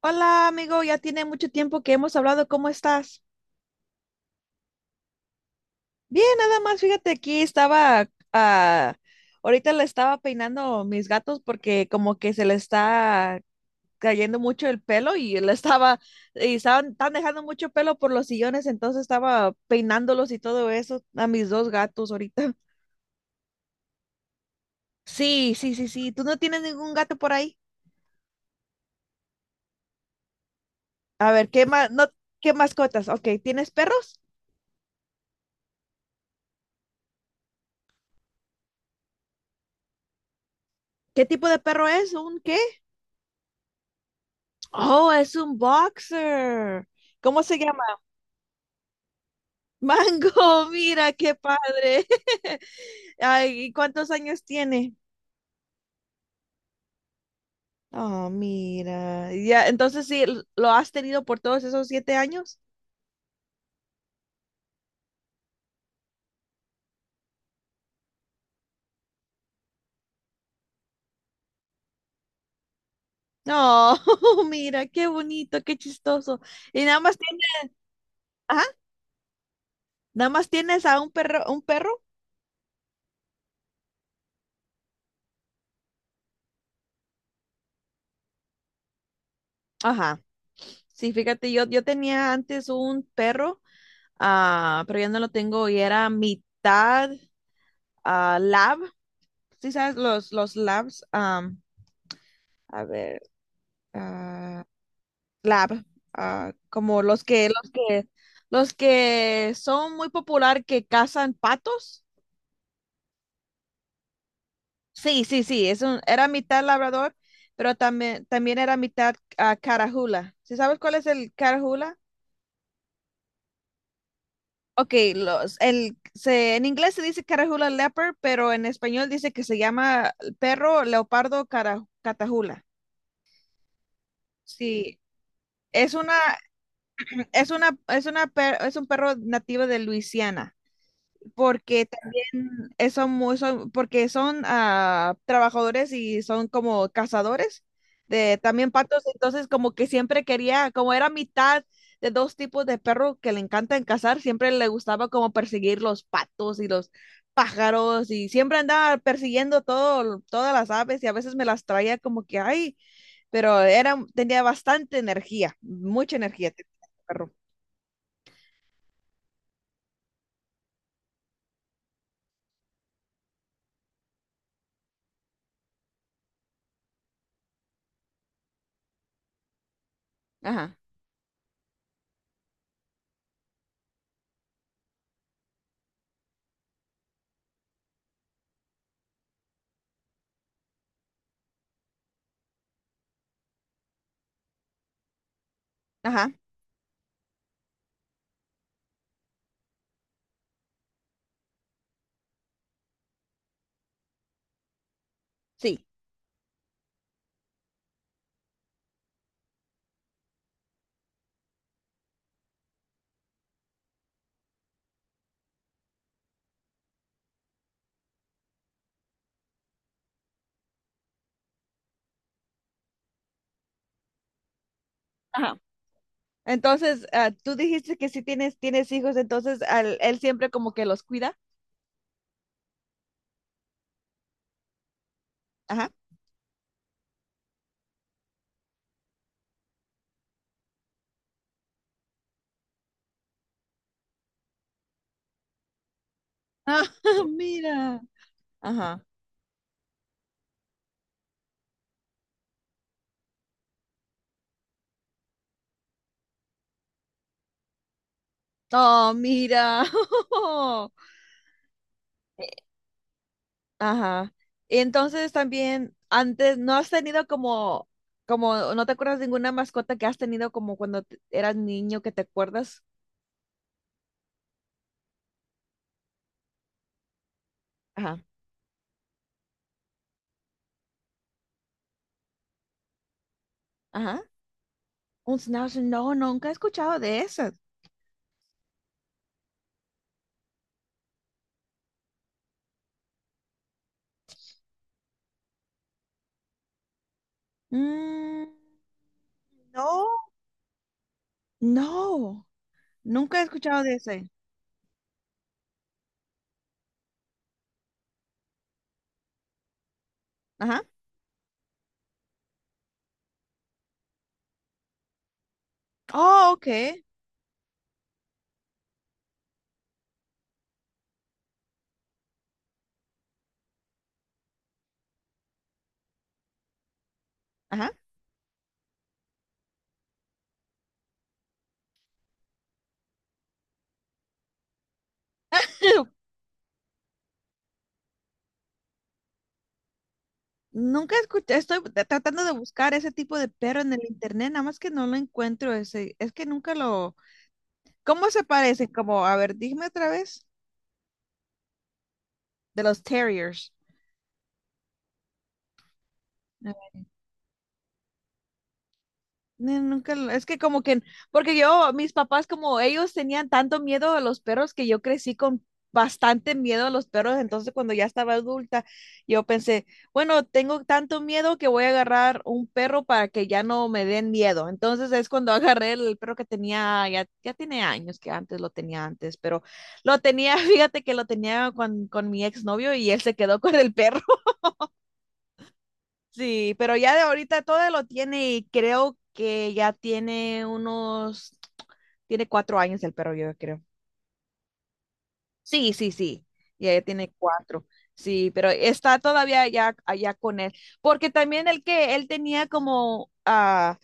Hola, amigo, ya tiene mucho tiempo que hemos hablado. ¿Cómo estás? Bien, nada más, fíjate, aquí estaba, ah, ahorita le estaba peinando mis gatos porque como que se le está cayendo mucho el pelo y le estaba, y estaban, están dejando mucho pelo por los sillones, entonces estaba peinándolos y todo eso a mis dos gatos ahorita. Sí, sí, sí, sí. ¿Tú no tienes ningún gato por ahí? A ver, ¿qué más, no, qué mascotas? Ok, ¿tienes perros? ¿Qué tipo de perro es? ¿Un qué? Oh, es un boxer. ¿Cómo se llama? Mango, mira qué padre. Ay, ¿y cuántos años tiene? Oh, mira. Ya, entonces sí, lo has tenido por todos esos 7 años. No, mira, qué bonito, qué chistoso. Y nada más tienes, ajá, nada más tienes a un perro, un perro. Ajá. Sí, fíjate, yo tenía antes un perro, pero ya no lo tengo y era mitad, ah, lab, sí sabes, los labs, a ver, ah, lab, ah, como los que, los que son muy popular que cazan patos. Sí, sí, sí, es un, era mitad labrador, pero también, también era mitad carajula. ¿Sí sabes cuál es el carajula? Ok, los, el, se, en inglés se dice carajula leopard, pero en español dice que se llama perro leopardo catajula. Sí, es una, es una, es una, es un perro nativo de Luisiana, porque también son muy, son, porque son trabajadores y son como cazadores de también patos, entonces como que siempre quería, como era mitad de dos tipos de perro que le encantan cazar, siempre le gustaba como perseguir los patos y los pájaros y siempre andaba persiguiendo todo, todas las aves y a veces me las traía como que, ay, pero era, tenía bastante energía, mucha energía tenía el perro. Ajá. Ajá, sí. Ajá. Entonces, tú dijiste que sí tienes, tienes hijos, entonces él siempre como que los cuida. Ajá, ah, mira. Ajá. Oh, mira. Ajá. Y entonces también, antes, ¿no has tenido como, como, no te acuerdas de ninguna mascota que has tenido como cuando eras niño que te acuerdas? Ajá, ajá. Un schnauzer, no, nunca he escuchado de esas. Mm, no. No, nunca he escuchado de ese. Ajá. Oh, ok. Ajá. Nunca escuché, estoy tratando de buscar ese tipo de perro en el internet, nada más que no lo encuentro ese, es que nunca lo... ¿Cómo se parecen? Como, a ver, dime otra vez, de los terriers. Nunca, es que como que, porque yo, mis papás, como ellos tenían tanto miedo a los perros que yo crecí con bastante miedo a los perros, entonces cuando ya estaba adulta, yo pensé, bueno, tengo tanto miedo que voy a agarrar un perro para que ya no me den miedo. Entonces es cuando agarré el perro que tenía, ya, ya tiene años que antes lo tenía antes, pero lo tenía, fíjate que lo tenía con mi exnovio y él se quedó con el perro. Sí, pero ya de ahorita todo lo tiene y creo que ya tiene unos, tiene 4 años el perro, yo creo. Sí, sí, sí, ya, ya tiene cuatro. Sí, pero está todavía allá, allá con él. Porque también el que él tenía como, ah,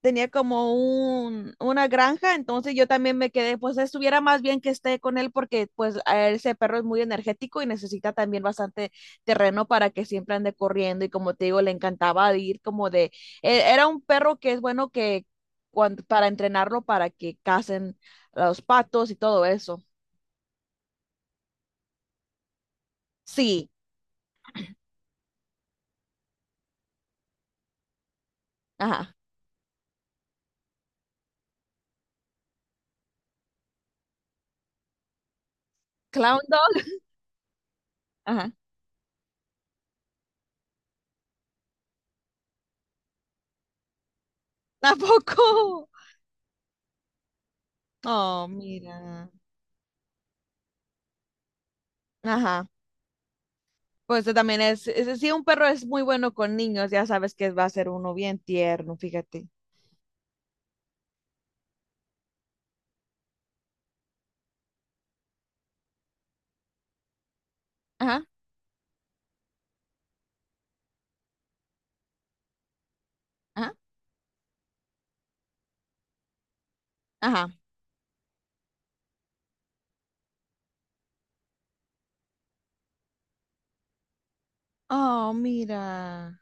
tenía como un, una granja, entonces yo también me quedé, pues estuviera más bien que esté con él porque pues a ese perro es muy energético y necesita también bastante terreno para que siempre ande corriendo y como te digo, le encantaba ir como de, era un perro que es bueno que cuando, para entrenarlo para que cacen a los patos y todo eso. Sí, ajá. Clown dog, ajá. Tampoco. Oh, mira. Ajá. Pues también es, si un perro es muy bueno con niños, ya sabes que va a ser uno bien tierno, fíjate. Ajá, ajá, ajá. Oh, mira.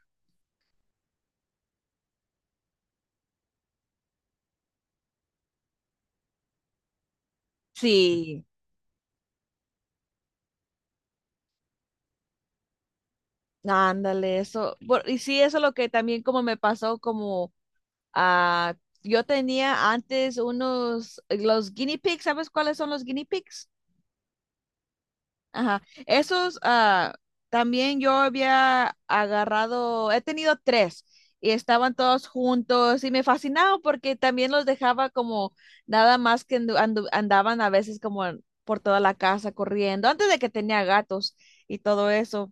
Sí, ándale, eso. Por- y sí, eso es lo que también como me pasó, como ah, yo tenía antes unos, los guinea pigs, ¿sabes cuáles son los guinea pigs? Ajá. Esos, también yo había agarrado, he tenido tres y estaban todos juntos y me fascinaba porque también los dejaba como nada más que andaban a veces como por toda la casa corriendo, antes de que tenía gatos y todo eso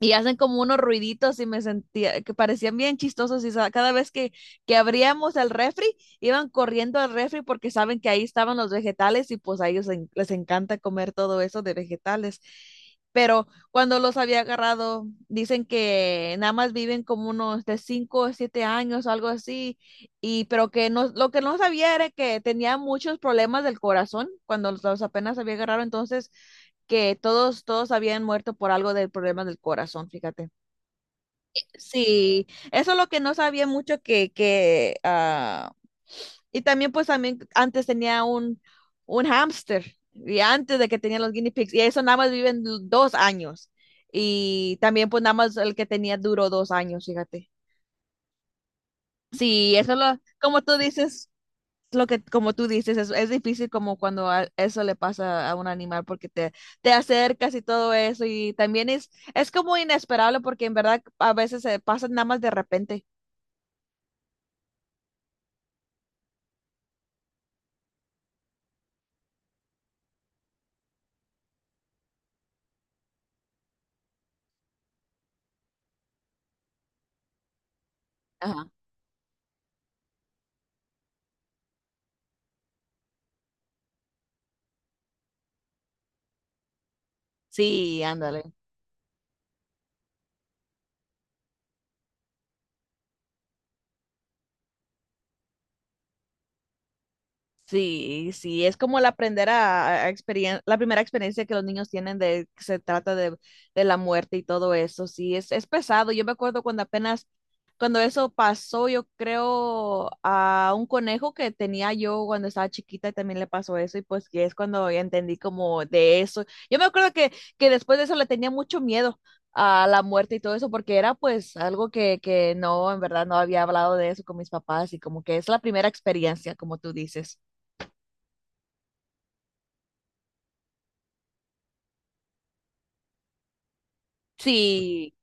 y hacen como unos ruiditos y me sentía que parecían bien chistosos y cada vez que abríamos el refri iban corriendo al refri porque saben que ahí estaban los vegetales y pues a ellos les encanta comer todo eso de vegetales. Pero cuando los había agarrado, dicen que nada más viven como unos de 5 o 7 años, algo así, y pero que no, lo que no sabía era que tenía muchos problemas del corazón cuando los apenas había agarrado, entonces que todos, todos habían muerto por algo del problema del corazón, fíjate. Sí, eso es lo que no sabía mucho que, ah, y también pues también antes tenía un hámster, y antes de que tenía los guinea pigs, y eso nada más viven 2 años, y también pues nada más el que tenía duró 2 años, fíjate. Sí, eso lo, como tú dices. Lo que, como tú dices, es difícil como cuando eso le pasa a un animal porque te acercas y todo eso y también es como inesperable porque en verdad a veces se pasa nada más de repente. Ajá. Sí, ándale. Sí, sí, es como el aprender a, la primera experiencia que los niños tienen de que se trata de la muerte y todo eso. Sí, es pesado. Yo me acuerdo cuando apenas, cuando eso pasó, yo creo a un conejo que tenía yo cuando estaba chiquita y también le pasó eso y pues que es cuando ya entendí como de eso. Yo me acuerdo que después de eso le tenía mucho miedo a la muerte y todo eso porque era pues algo que no, en verdad no había hablado de eso con mis papás y como que es la primera experiencia, como tú dices. Sí,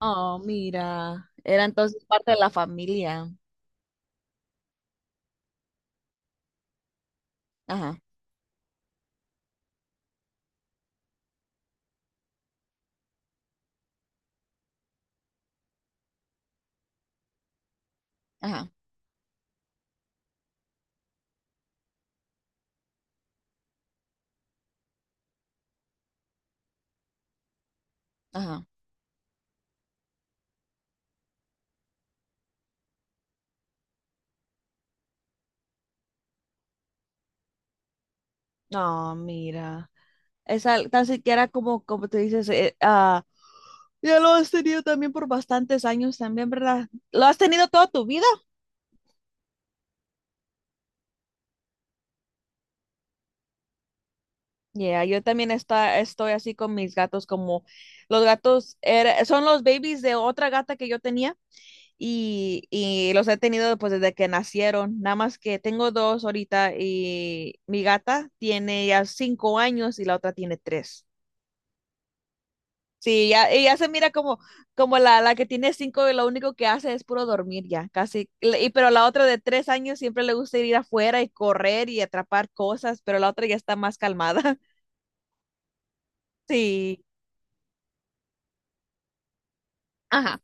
oh, mira, era entonces parte de la familia. Ajá, ajá, ajá. No, mira, esa tan siquiera como, como tú dices, ah, ya lo has tenido también por bastantes años también, ¿verdad? ¿Lo has tenido toda tu vida? Ya, yo también está, estoy así con mis gatos, como los gatos son los babies de otra gata que yo tenía. Y, y los he tenido pues desde que nacieron. Nada más que tengo dos ahorita y mi gata tiene ya 5 años y la otra tiene tres. Sí, ya, ella se mira como, como la que tiene cinco y lo único que hace es puro dormir ya, casi. Y, pero la otra de 3 años siempre le gusta ir afuera y correr y atrapar cosas, pero la otra ya está más calmada. Sí. Ajá.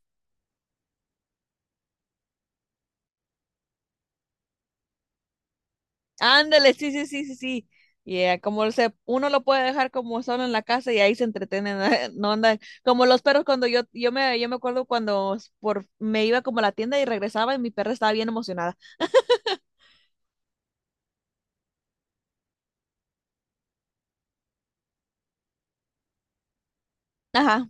Ándale, sí, sí, sí, sí, sí. Yeah, como se, uno lo puede dejar como solo en la casa y ahí se entretienen, no andan como los perros cuando yo me acuerdo cuando por, me iba como a la tienda y regresaba y mi perra estaba bien emocionada. Ajá,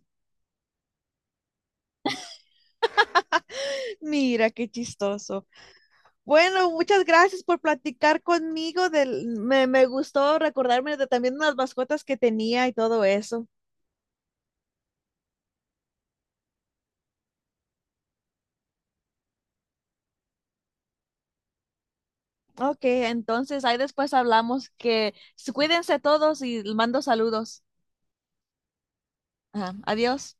mira qué chistoso. Bueno, muchas gracias por platicar conmigo del, me gustó recordarme de también unas mascotas que tenía y todo eso. Ok, entonces ahí después hablamos que cuídense todos y mando saludos. Ajá, adiós.